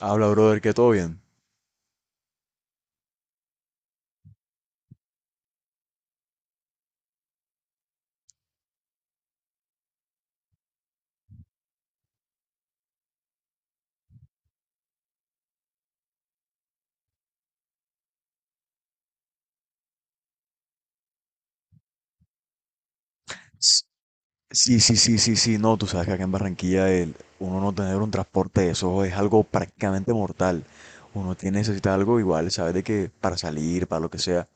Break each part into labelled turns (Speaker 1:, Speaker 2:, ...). Speaker 1: Habla, brother, que todo bien. S- Sí, sí, sí, sí, sí, no, tú sabes que acá en Barranquilla uno no tener un transporte de eso es algo prácticamente mortal. Necesita algo igual, sabes de que para salir, para lo que sea.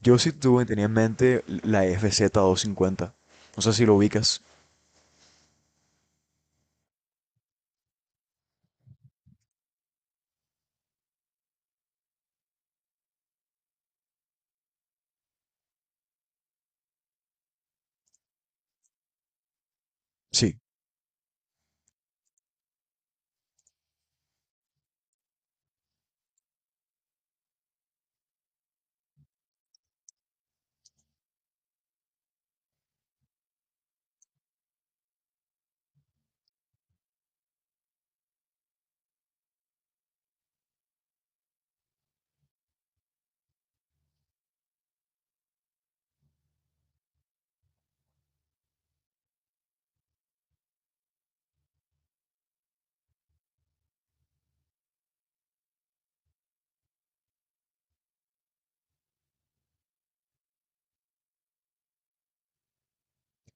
Speaker 1: Tenía en mente la FZ 50. No sé si lo ubicas. Sí.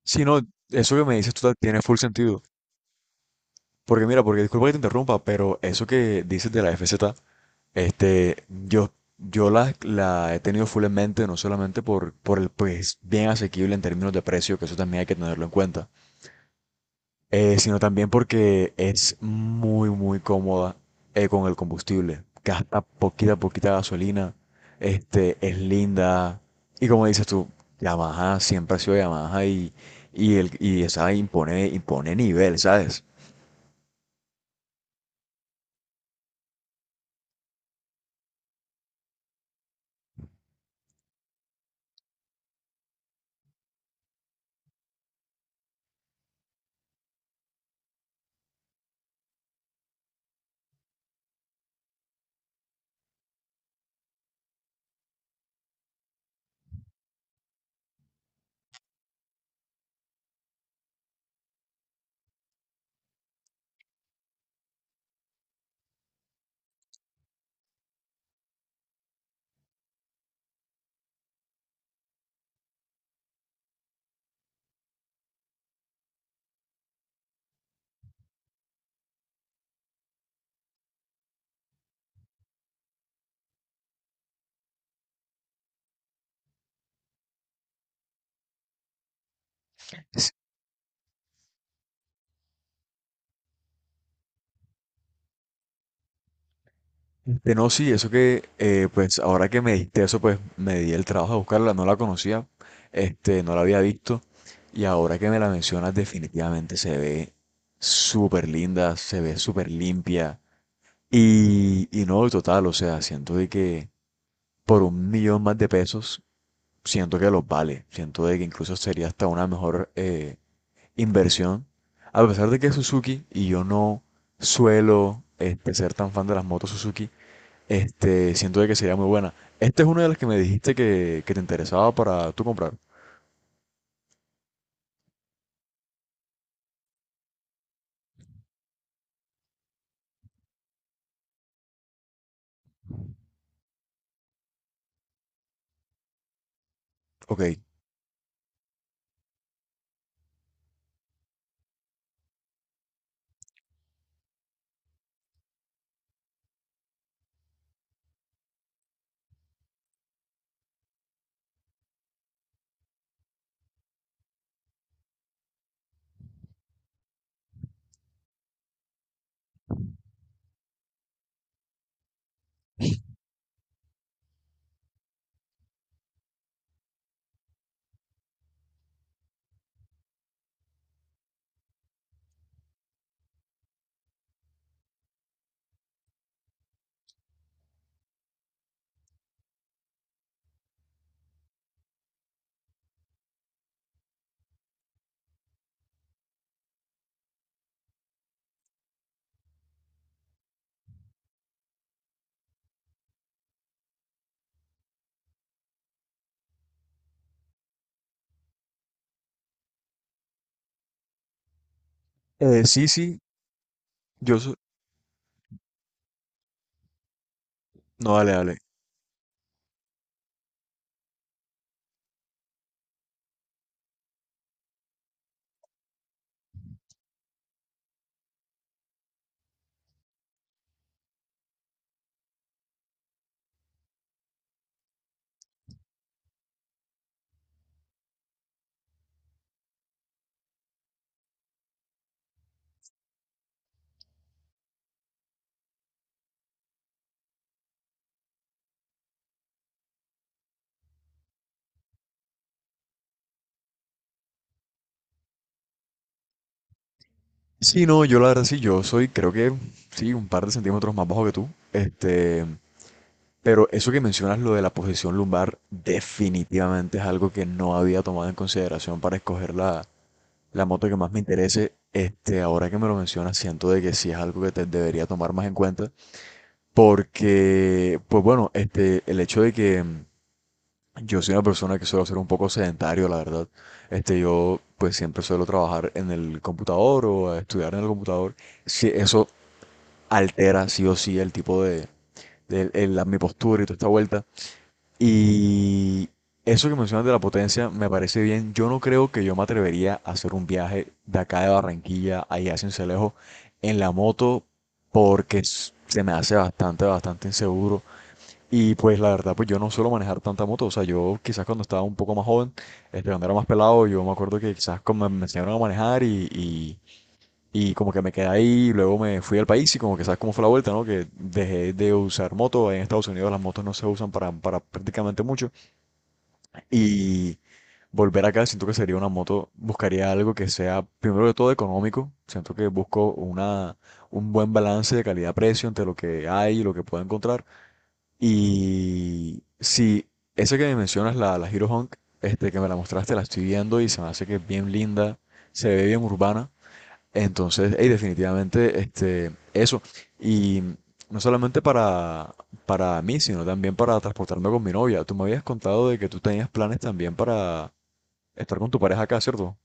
Speaker 1: Sí, no, eso que me dices tú tiene full sentido. Porque mira, porque disculpa que te interrumpa, pero eso que dices de la FZ. Este, yo, yo la he tenido full en mente, no solamente por el pues bien asequible en términos de precio, que eso también hay que tenerlo en cuenta, sino también porque es muy cómoda con el combustible. Gasta poquita gasolina, es linda. Y como dices tú, Yamaha siempre ha sido Yamaha y esa impone nivel, ¿sabes? Que no, sí, pues ahora que me diste eso, pues me di el trabajo de buscarla, no la conocía, no la había visto, y ahora que me la mencionas, definitivamente se ve súper linda, se ve súper limpia, y no, total, o sea, siento de que por 1 millón más de pesos, siento que los vale, siento de que incluso sería hasta una mejor inversión, a pesar de que Suzuki, y yo no suelo ser tan fan de las motos Suzuki, siento de que sería muy buena. Esta es una de las que me dijiste que te interesaba para tú comprar. Ok. Sí, sí, yo soy... No, dale, dale. Sí, no, yo la verdad sí, creo que, sí, un par de centímetros más bajo que tú. Este, pero eso que mencionas, lo de la posición lumbar, definitivamente es algo que no había tomado en consideración para escoger la moto que más me interese. Ahora que me lo mencionas, siento de que sí es algo que te debería tomar más en cuenta. Porque, pues bueno, el hecho de que yo soy una persona que suelo ser un poco sedentario, la verdad. Yo pues siempre suelo trabajar en el computador o estudiar en el computador. Sí, eso altera sí o sí el tipo mi postura y toda esta vuelta. Y eso que mencionas de la potencia me parece bien. Yo no creo que yo me atrevería a hacer un viaje de acá de Barranquilla a allá a Sincelejo en la moto porque se me hace bastante inseguro. Y pues la verdad, pues yo no suelo manejar tanta moto. O sea, yo quizás cuando estaba un poco más joven, cuando era más pelado, yo me acuerdo que quizás como me enseñaron a manejar y como que me quedé ahí, y luego me fui al país y como que sabes cómo fue la vuelta, ¿no? Que dejé de usar moto. En Estados Unidos las motos no se usan para prácticamente mucho. Y volver acá siento que sería una moto, buscaría algo que sea, primero que todo, económico. Siento que busco una, un buen balance de calidad-precio entre lo que hay y lo que puedo encontrar. Y sí, esa que me mencionas, la Hero Hunk, que me la mostraste, la estoy viendo y se me hace que es bien linda, se ve bien urbana. Entonces, hey, definitivamente, eso. Y no solamente para mí, sino también para transportarme con mi novia. Tú me habías contado de que tú tenías planes también para estar con tu pareja acá, ¿cierto?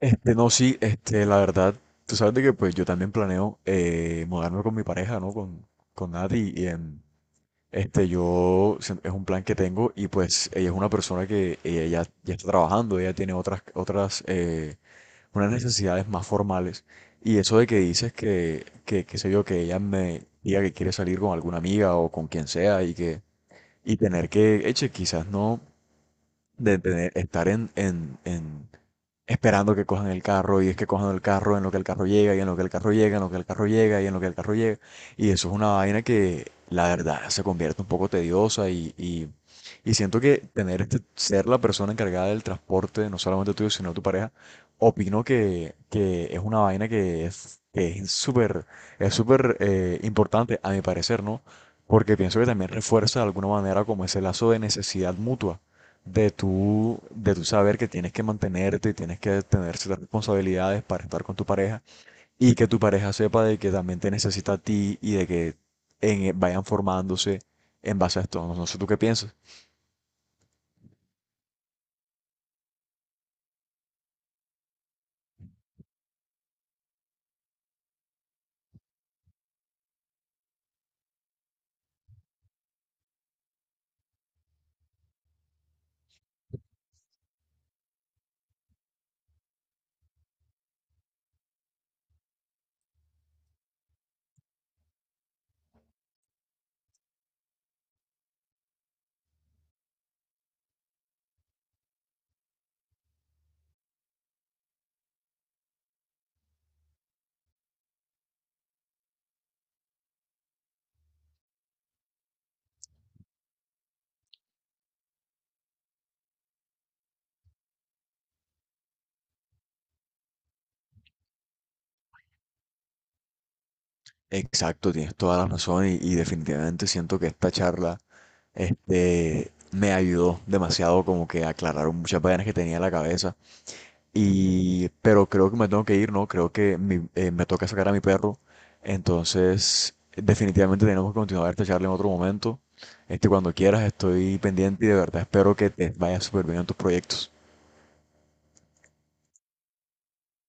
Speaker 1: No, sí, la verdad, tú sabes de que pues yo también planeo mudarme con mi pareja, ¿no? Con Nati y en... es un plan que tengo y pues ella es una persona que ella ya está trabajando, ella tiene otras, unas necesidades más formales. Y eso de que dices qué sé yo, que ella me diga que quiere salir con alguna amiga o con quien sea y tener que, eche, quizás no, de tener, en, esperando que cojan el carro y es que cojan el carro en lo que el carro llega y en lo que el carro llega, en lo que el carro llega y en lo que el carro llega. Y eso es una vaina que la verdad se convierte un poco tediosa y siento que tener ser la persona encargada del transporte, no solamente tuyo, sino de tu pareja, opino que es una vaina que es súper, es súper importante a mi parecer, ¿no? Porque pienso que también refuerza de alguna manera como ese lazo de necesidad mutua de de tú saber que tienes que mantenerte y tienes que tener ciertas responsabilidades para estar con tu pareja y que tu pareja sepa de que también te necesita a ti y de que vayan formándose en base a esto. No, no sé tú qué piensas. Exacto, tienes toda la razón y definitivamente siento que esta charla me ayudó demasiado como que a aclarar muchas vainas que tenía en la cabeza. Y, pero creo que me tengo que ir, ¿no? Creo que me toca sacar a mi perro. Entonces, definitivamente tenemos que continuar esta charla en otro momento. Cuando quieras, estoy pendiente y de verdad espero que te vaya súper bien en tus proyectos.